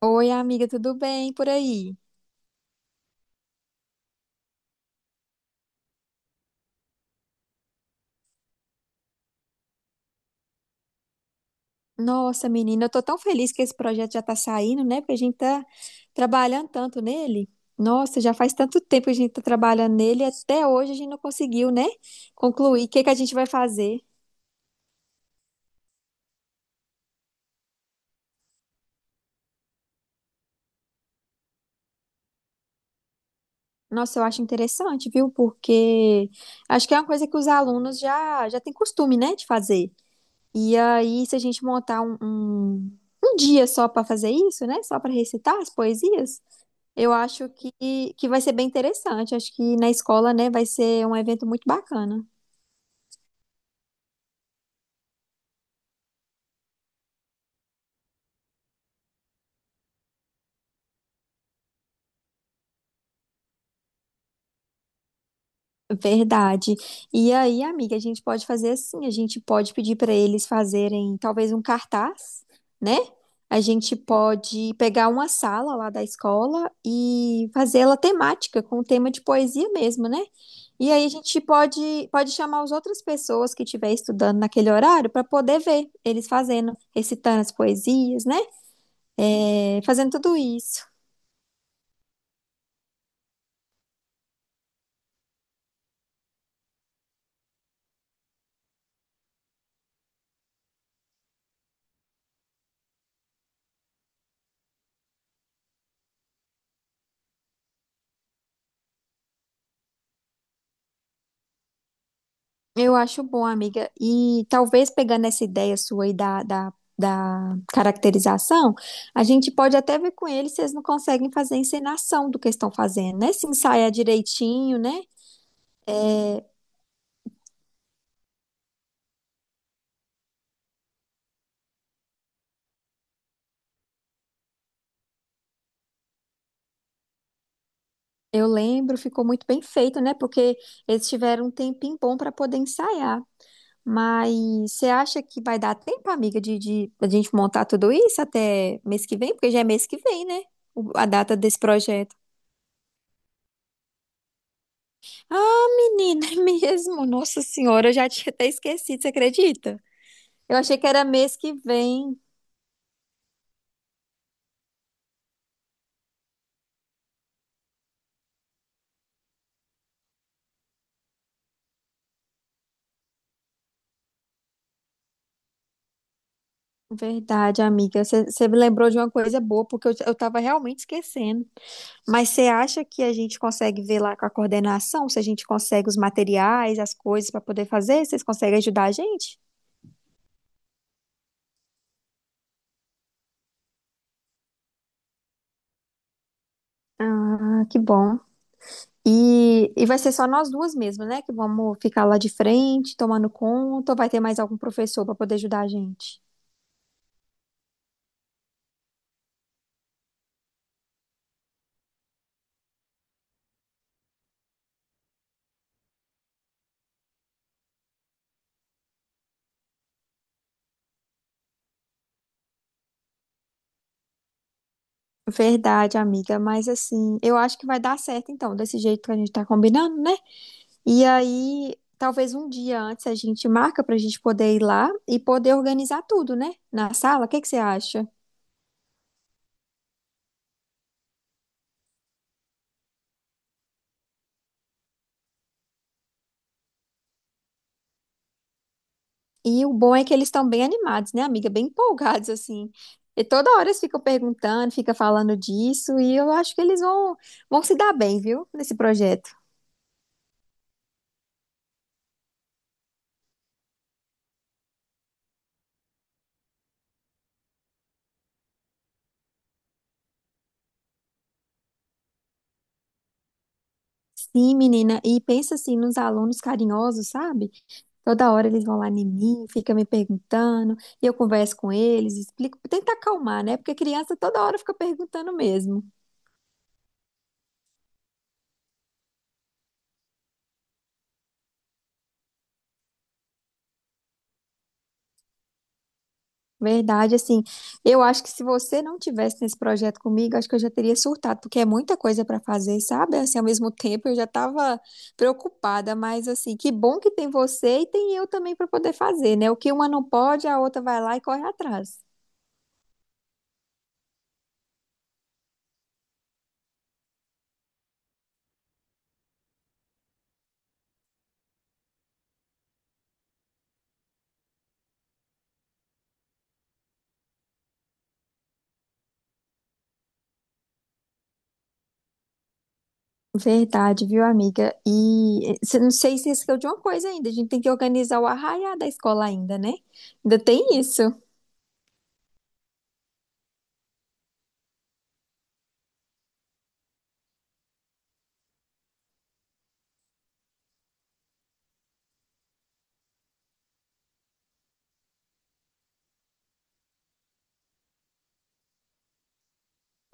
Oi, amiga, tudo bem por aí? Nossa, menina, eu tô tão feliz que esse projeto já tá saindo, né? Porque a gente tá trabalhando tanto nele. Nossa, já faz tanto tempo que a gente tá trabalhando nele, e até hoje a gente não conseguiu, né? Concluir. O que que a gente vai fazer? Nossa, eu acho interessante, viu? Porque acho que é uma coisa que os alunos já têm costume, né, de fazer. E aí, se a gente montar um dia só pra fazer isso, né? Só pra recitar as poesias. Eu acho que vai ser bem interessante. Acho que na escola, né, vai ser um evento muito bacana. Verdade. E aí, amiga, a gente pode fazer assim: a gente pode pedir para eles fazerem talvez um cartaz, né? A gente pode pegar uma sala lá da escola e fazê-la temática, com tema de poesia mesmo, né? E aí a gente pode chamar as outras pessoas que estiver estudando naquele horário para poder ver eles fazendo, recitando as poesias, né? É, fazendo tudo isso. Eu acho bom, amiga. E talvez pegando essa ideia sua aí da caracterização, a gente pode até ver com eles se eles não conseguem fazer a encenação do que estão fazendo, né? Se ensaiar direitinho, né? Eu lembro, ficou muito bem feito, né? Porque eles tiveram um tempinho bom para poder ensaiar. Mas você acha que vai dar tempo, amiga, de a gente montar tudo isso até mês que vem? Porque já é mês que vem, né? A data desse projeto. Ah, menina, é mesmo. Nossa Senhora, eu já tinha até esquecido, você acredita? Eu achei que era mês que vem. Verdade, amiga. Você me lembrou de uma coisa boa, porque eu tava realmente esquecendo. Mas você acha que a gente consegue ver lá com a coordenação, se a gente consegue os materiais, as coisas para poder fazer? Vocês conseguem ajudar a gente? Ah, que bom. E vai ser só nós duas mesmo, né? Que vamos ficar lá de frente, tomando conta, ou vai ter mais algum professor para poder ajudar a gente? Verdade, amiga, mas assim, eu acho que vai dar certo então, desse jeito que a gente tá combinando, né? E aí, talvez um dia antes a gente marca pra gente poder ir lá e poder organizar tudo, né? Na sala, o que que você acha? E o bom é que eles estão bem animados, né, amiga? Bem empolgados, assim. E toda hora eles ficam perguntando, ficam falando disso, e eu acho que vão se dar bem, viu? Nesse projeto. Sim, menina, e pensa assim nos alunos carinhosos, sabe? Toda hora eles vão lá em mim, fica me perguntando, e eu converso com eles, explico, tento acalmar, né? Porque a criança toda hora fica perguntando mesmo. Verdade, assim, eu acho que se você não tivesse nesse projeto comigo, acho que eu já teria surtado, porque é muita coisa para fazer, sabe? Assim, ao mesmo tempo eu já estava preocupada, mas assim, que bom que tem você e tem eu também para poder fazer, né? O que uma não pode, a outra vai lá e corre atrás. Verdade, viu, amiga? E não sei se esqueceu de uma coisa ainda. A gente tem que organizar o arraiá da escola ainda, né? Ainda tem isso.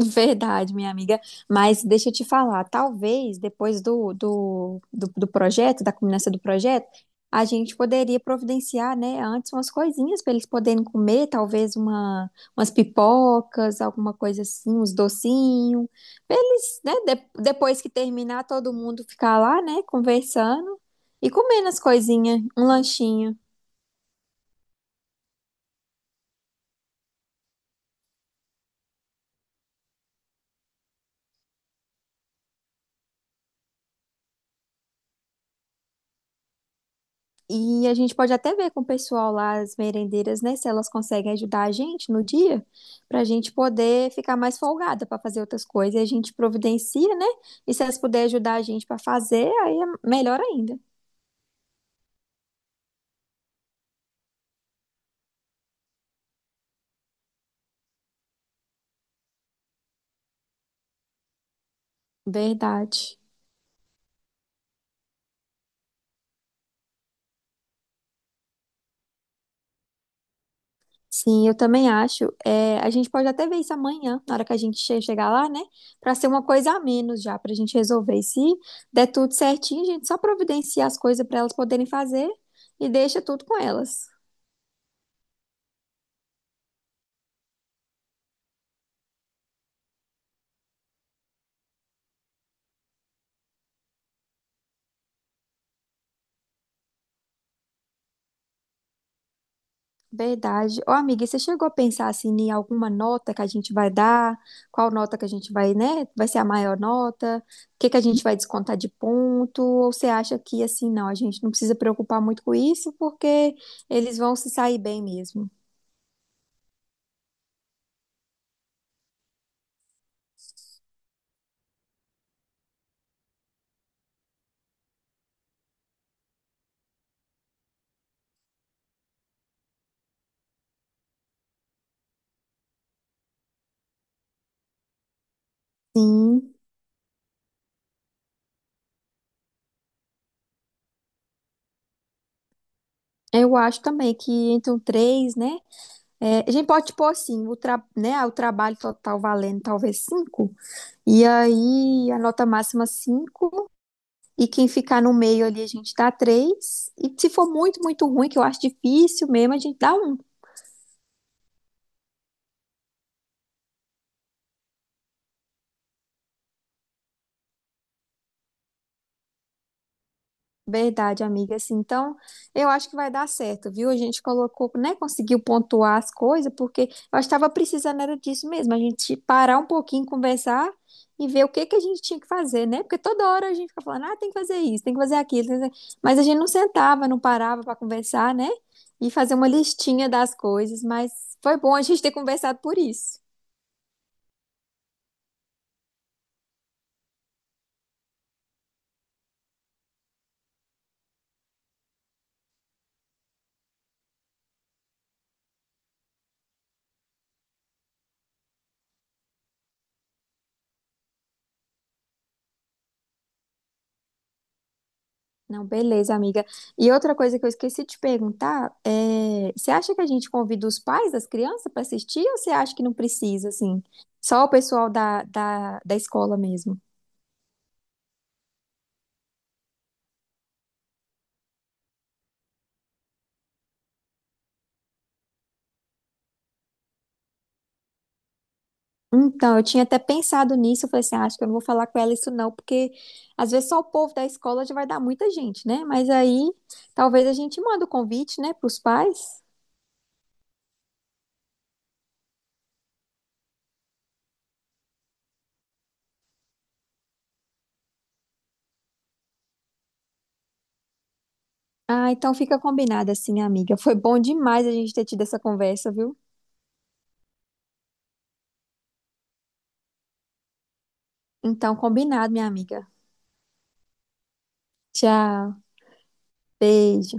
Verdade, minha amiga. Mas deixa eu te falar, talvez depois do projeto, da culminância do projeto, a gente poderia providenciar, né, antes umas coisinhas para eles poderem comer, umas pipocas, alguma coisa assim, uns docinhos, para eles, né, depois que terminar, todo mundo ficar lá, né, conversando e comendo as coisinhas, um lanchinho. E a gente pode até ver com o pessoal lá, as merendeiras, né, se elas conseguem ajudar a gente no dia, para a gente poder ficar mais folgada para fazer outras coisas. E a gente providencia, né? E se elas puderem ajudar a gente para fazer, aí é melhor ainda. Verdade. Sim, eu também acho. É, a gente pode até ver isso amanhã, na hora que a gente chegar lá, né? Para ser uma coisa a menos já, para a gente resolver. E se der tudo certinho, a gente só providencia as coisas para elas poderem fazer e deixa tudo com elas. Verdade. Ô, amiga, e você chegou a pensar assim em alguma nota que a gente vai dar? Qual nota que a gente vai, né? Vai ser a maior nota? O que que a gente vai descontar de ponto? Ou você acha que assim, não, a gente não precisa preocupar muito com isso porque eles vão se sair bem mesmo? Sim, eu acho também que entre um 3, né? É, a gente pode pôr assim, o trabalho total valendo talvez 5, e aí a nota máxima 5. E quem ficar no meio ali, a gente dá 3. E se for muito, muito ruim, que eu acho difícil mesmo, a gente dá um. Verdade, amiga. Assim, então, eu acho que vai dar certo, viu? A gente colocou, né? Conseguiu pontuar as coisas, porque eu estava precisando era disso mesmo. A gente parar um pouquinho, conversar e ver o que que a gente tinha que fazer, né? Porque toda hora a gente fica falando, ah, tem que fazer isso, tem que fazer aquilo, tem que fazer, mas a gente não sentava, não parava para conversar, né? E fazer uma listinha das coisas, mas foi bom a gente ter conversado por isso. Não, beleza, amiga. E outra coisa que eu esqueci de te perguntar é, você acha que a gente convida os pais das crianças para assistir ou você acha que não precisa, assim? Só o pessoal da escola mesmo? Então, eu tinha até pensado nisso, eu falei assim, "Ah, acho que eu não vou falar com ela isso não, porque às vezes só o povo da escola já vai dar muita gente, né?" Mas aí talvez a gente manda o convite, né, para os pais. Ah, então fica combinado assim, amiga. Foi bom demais a gente ter tido essa conversa, viu? Então, combinado, minha amiga. Tchau. Beijo.